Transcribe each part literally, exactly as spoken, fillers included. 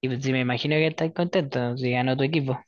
Y pues, sí, me imagino que estás contento si ganó tu equipo.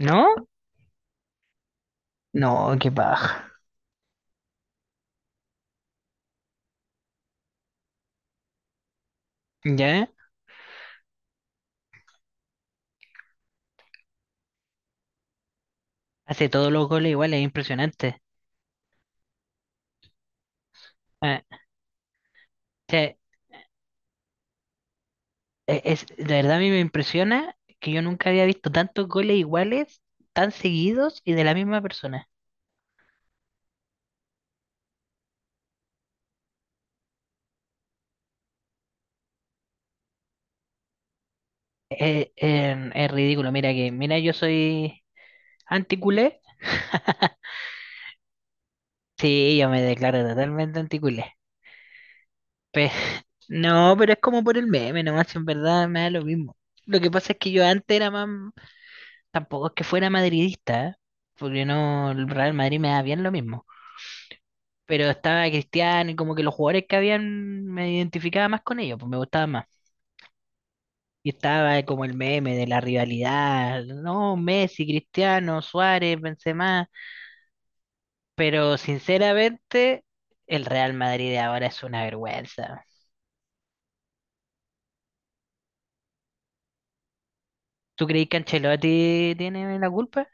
¿No? No, qué paja. ¿Ya? Hace todos los goles igual, es impresionante. Ah, o sea, e- es, de verdad a mí me impresiona que yo nunca había visto tantos goles iguales, tan seguidos y de la misma persona. Eh, eh, es ridículo, mira que, mira, yo soy anticulé. Sí, yo me declaro totalmente anticulé. Pe- no, pero es como por el meme, nomás en verdad me da lo mismo. Lo que pasa es que yo antes era más. Tampoco es que fuera madridista, ¿eh? Porque no, el Real Madrid me da bien lo mismo. Pero estaba Cristiano y como que los jugadores que habían me identificaba más con ellos, pues me gustaba más. Y estaba como el meme de la rivalidad, no, Messi, Cristiano, Suárez, Benzema. Pero sinceramente, el Real Madrid de ahora es una vergüenza. ¿Tú crees que Ancelotti tiene la culpa?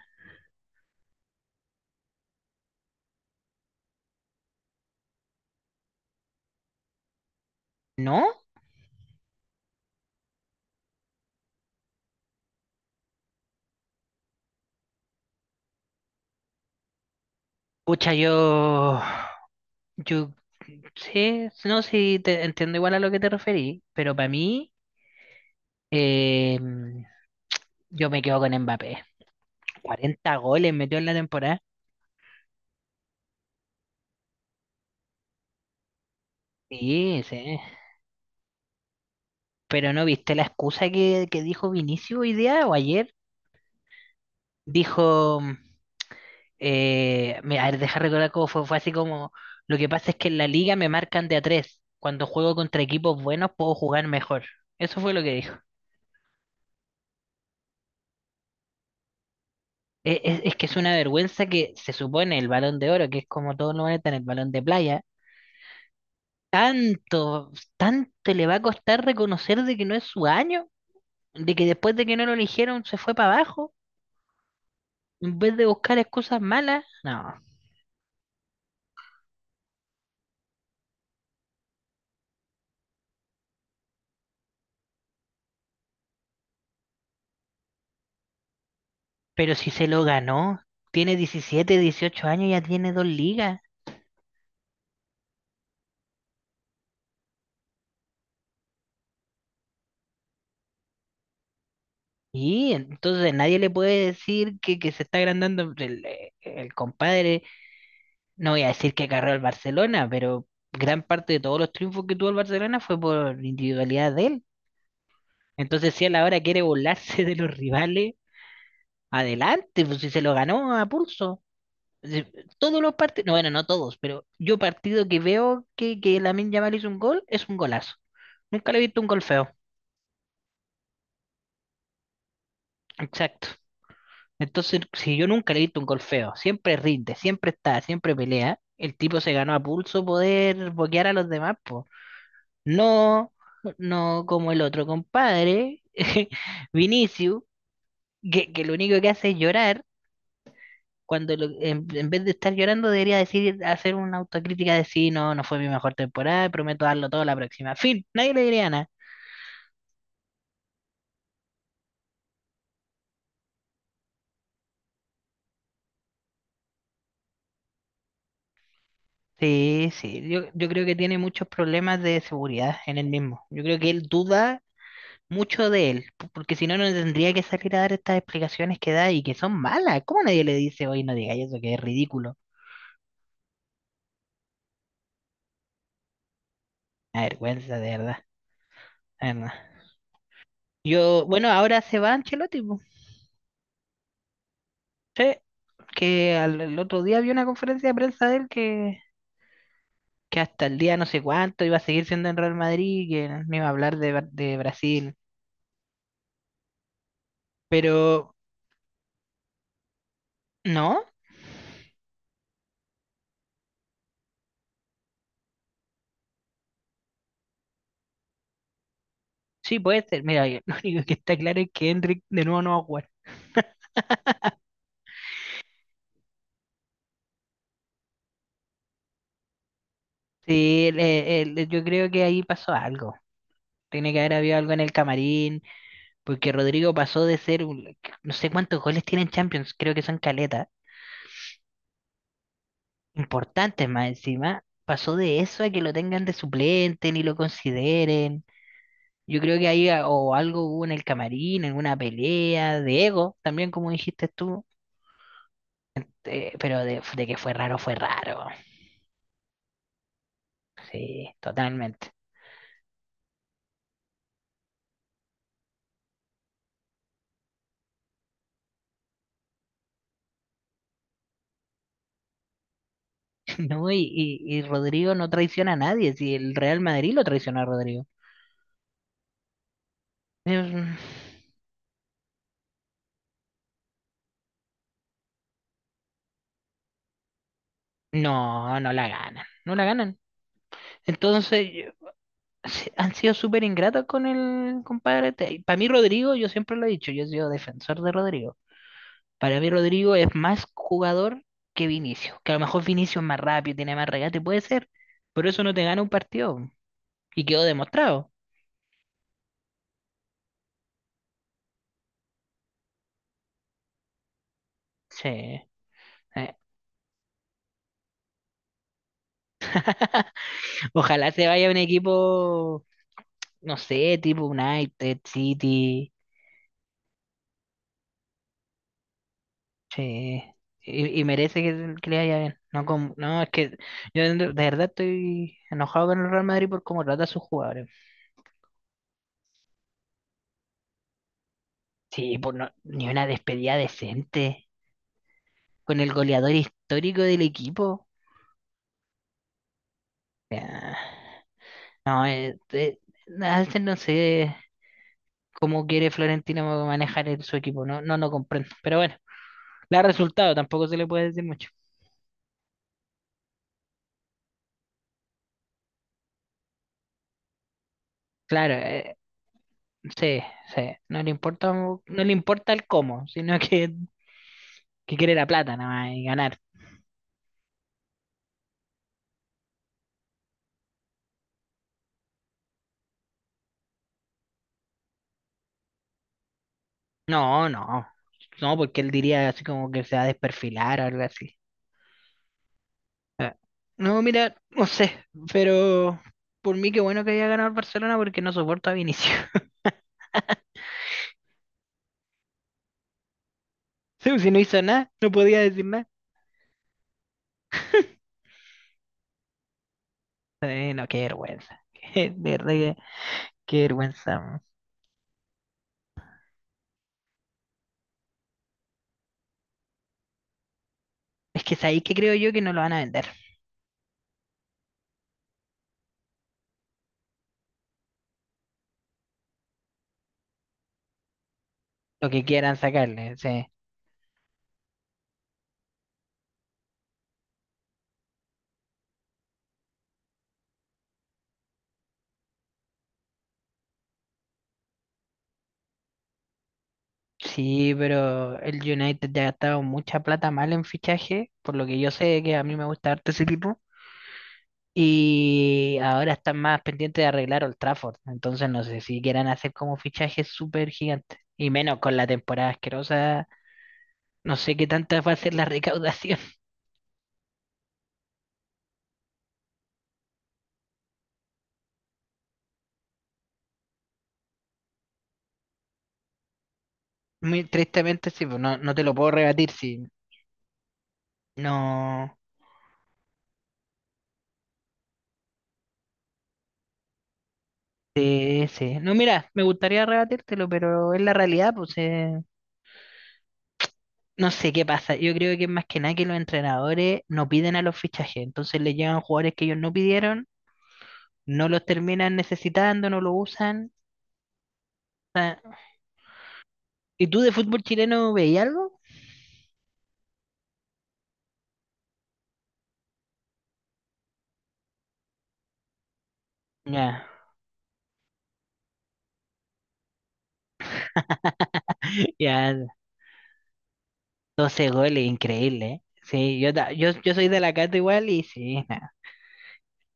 ¿No? Pucha, yo, yo Sí, no, sí, te entiendo igual a lo que te referí, pero para mí. Eh, yo me quedo con Mbappé. Cuarenta goles metió en la temporada. Sí, sí. Pero ¿no viste la excusa que, que dijo Vinicius hoy día o ayer? Dijo, mm, eh, me- a ver, deja recordar cómo fue, fue así como, lo que pasa es que en la liga me marcan de a tres. Cuando juego contra equipos buenos puedo jugar mejor. Eso fue lo que dijo. E- Es, es que es una vergüenza que se supone el Balón de Oro, que es como todos lo van a tener, el Balón de Playa. Tanto, tanto le va a costar reconocer de que no es su año, de que después de que no lo eligieron se fue para abajo, en vez de buscar excusas malas. No, pero si se lo ganó, tiene diecisiete dieciocho años, ya tiene dos ligas. Y entonces nadie le puede decir que, que se está agrandando el, eh, el compadre. No voy a decir que agarró al Barcelona, pero gran parte de todos los triunfos que tuvo el Barcelona fue por individualidad de él. Entonces, si a la hora quiere burlarse de los rivales, adelante, pues si se lo ganó a pulso. Si- Todos los partidos, no, bueno, no todos, pero yo partido que veo que, que Lamine Yamal hizo un gol, es un golazo. Nunca le he visto un gol feo. Exacto. Entonces, si yo nunca le he visto un gol feo, siempre rinde, siempre está, siempre pelea, el tipo se ganó a pulso poder boquear a los demás, po. No, no como el otro compadre, Vinicius, que, que lo único que hace es llorar cuando lo- en, en, vez de estar llorando debería decir, hacer una autocrítica de sí, no, no fue mi mejor temporada, prometo darlo todo la próxima. Fin, nadie le diría nada. Sí, sí, yo, yo creo que tiene muchos problemas de seguridad en él mismo. Yo creo que él duda mucho de él, p- porque si no, no tendría que salir a dar estas explicaciones que da y que son malas. ¿Cómo nadie le dice, oye, no digáis eso, que es ridículo? Una vergüenza, de verdad, de verdad. Yo, bueno, ahora se va Ancelotti, po. Sí, que al, el otro día vi una conferencia de prensa de él que que hasta el día no sé cuánto iba a seguir siendo en Real Madrid, que no no iba a hablar de, Bra- de Brasil. Pero no, sí puede ser. Mira, yo- lo único que está claro es que Hendrik de nuevo no va a jugar. Sí, el- el- el- yo creo que ahí pasó algo. Tiene que haber habido algo en el camarín, porque Rodrigo pasó de ser, un- no sé cuántos goles tiene en Champions, creo que son caletas, importantes más encima. Pasó de eso a que lo tengan de suplente, ni lo consideren. Yo creo que ahí a- o algo hubo en el camarín, alguna pelea de ego, también como dijiste tú, eh, pero de, de que fue raro, fue raro. Sí, totalmente. No, y, y, y Rodrigo no traiciona a nadie, si el Real Madrid lo traicionó a Rodrigo. Em, No, no la ganan, no la ganan. Entonces, yo- se- han sido súper ingratos con el compadre. Para mí, Rodrigo, yo siempre lo he dicho, yo he sido defensor de Rodrigo. Para mí Rodrigo es más jugador que Vinicio, que a lo mejor Vinicio es más rápido, tiene más regate, puede ser, pero eso no te gana un partido y quedó demostrado. Sí. eh. Ojalá se vaya a un equipo, no sé, tipo United, City, sí. Y, y merece que, que le vaya bien. No, como- no, es que yo de de verdad estoy enojado con el Real Madrid por cómo trata a sus jugadores. Sí, por no- ni una despedida decente con el goleador histórico del equipo. Ya. No, eh, te- Alten no sé cómo quiere Florentino manejar el- su equipo, no, no lo comprendo. Pero bueno, le ha resultado, tampoco se le puede decir mucho. Claro, eh, sí, sí, no le importa, mu- no le importa el cómo, sino que, que quiere la plata nada más y ganar. No, no, no, porque él diría así como que se va a desperfilar o algo así. Ah, no, mira, no sé, pero por mí qué bueno que haya ganado el Barcelona porque no soporto a Vinicius. Sí, Si no hizo nada, no podía decir nada. Eh, no, qué vergüenza. De verdad que qué vergüenza. Man. Es que es ahí que creo yo que no lo van a vender. Lo que quieran sacarle. Sí, sí, pero el United ya ha gastado mucha plata mal en fichaje, por lo que yo sé que a mí me gusta harto ese tipo. Y ahora están más pendientes de arreglar Old Trafford. Entonces no sé si quieran hacer como fichajes súper gigantes. Y menos con la temporada asquerosa. No sé qué tanta va a ser la recaudación. Muy tristemente, sí, pues no, no te lo puedo rebatir, sí. No. Sí, sí. No, mira, me gustaría rebatírtelo, pero es la realidad, pues eh, no sé qué pasa. Yo creo que es más que nada que los entrenadores no piden a los fichajes, entonces les llegan jugadores que ellos no pidieron, no los terminan necesitando, no lo usan. ¿Y tú de fútbol chileno veías algo? Ya, ya, doce goles, increíble, ¿eh? Sí, yo, ta- yo, yo soy de la Cato igual y sí, nada.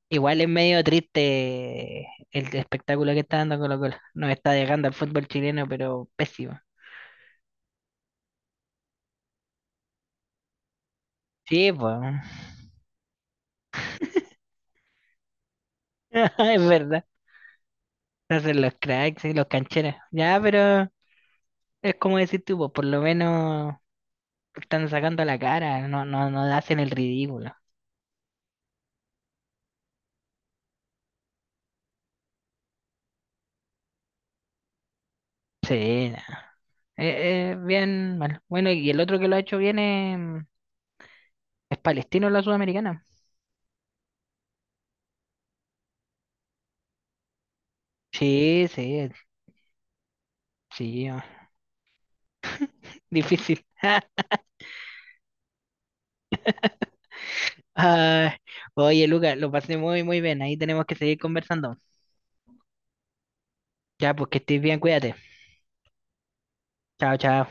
Igual es medio triste el espectáculo que está dando Colo Colo. Nos está dejando al fútbol chileno, pero pésimo. Sí, pues. Es verdad. No hacen los cracks y los cancheros. Ya, pero es como decir tú, po, por lo menos están sacando la cara, no, no, no hacen el ridículo. Sí, na. Eh, eh, bien, bueno. Bueno, y el otro que lo ha hecho bien es, mm, es Palestino, la Sudamericana. Sí, sí, sí, oh, difícil. Ah, oye, Lucas, lo pasé muy, muy bien. Ahí tenemos que seguir conversando. Ya, pues que estés bien, cuídate. Chao, chao.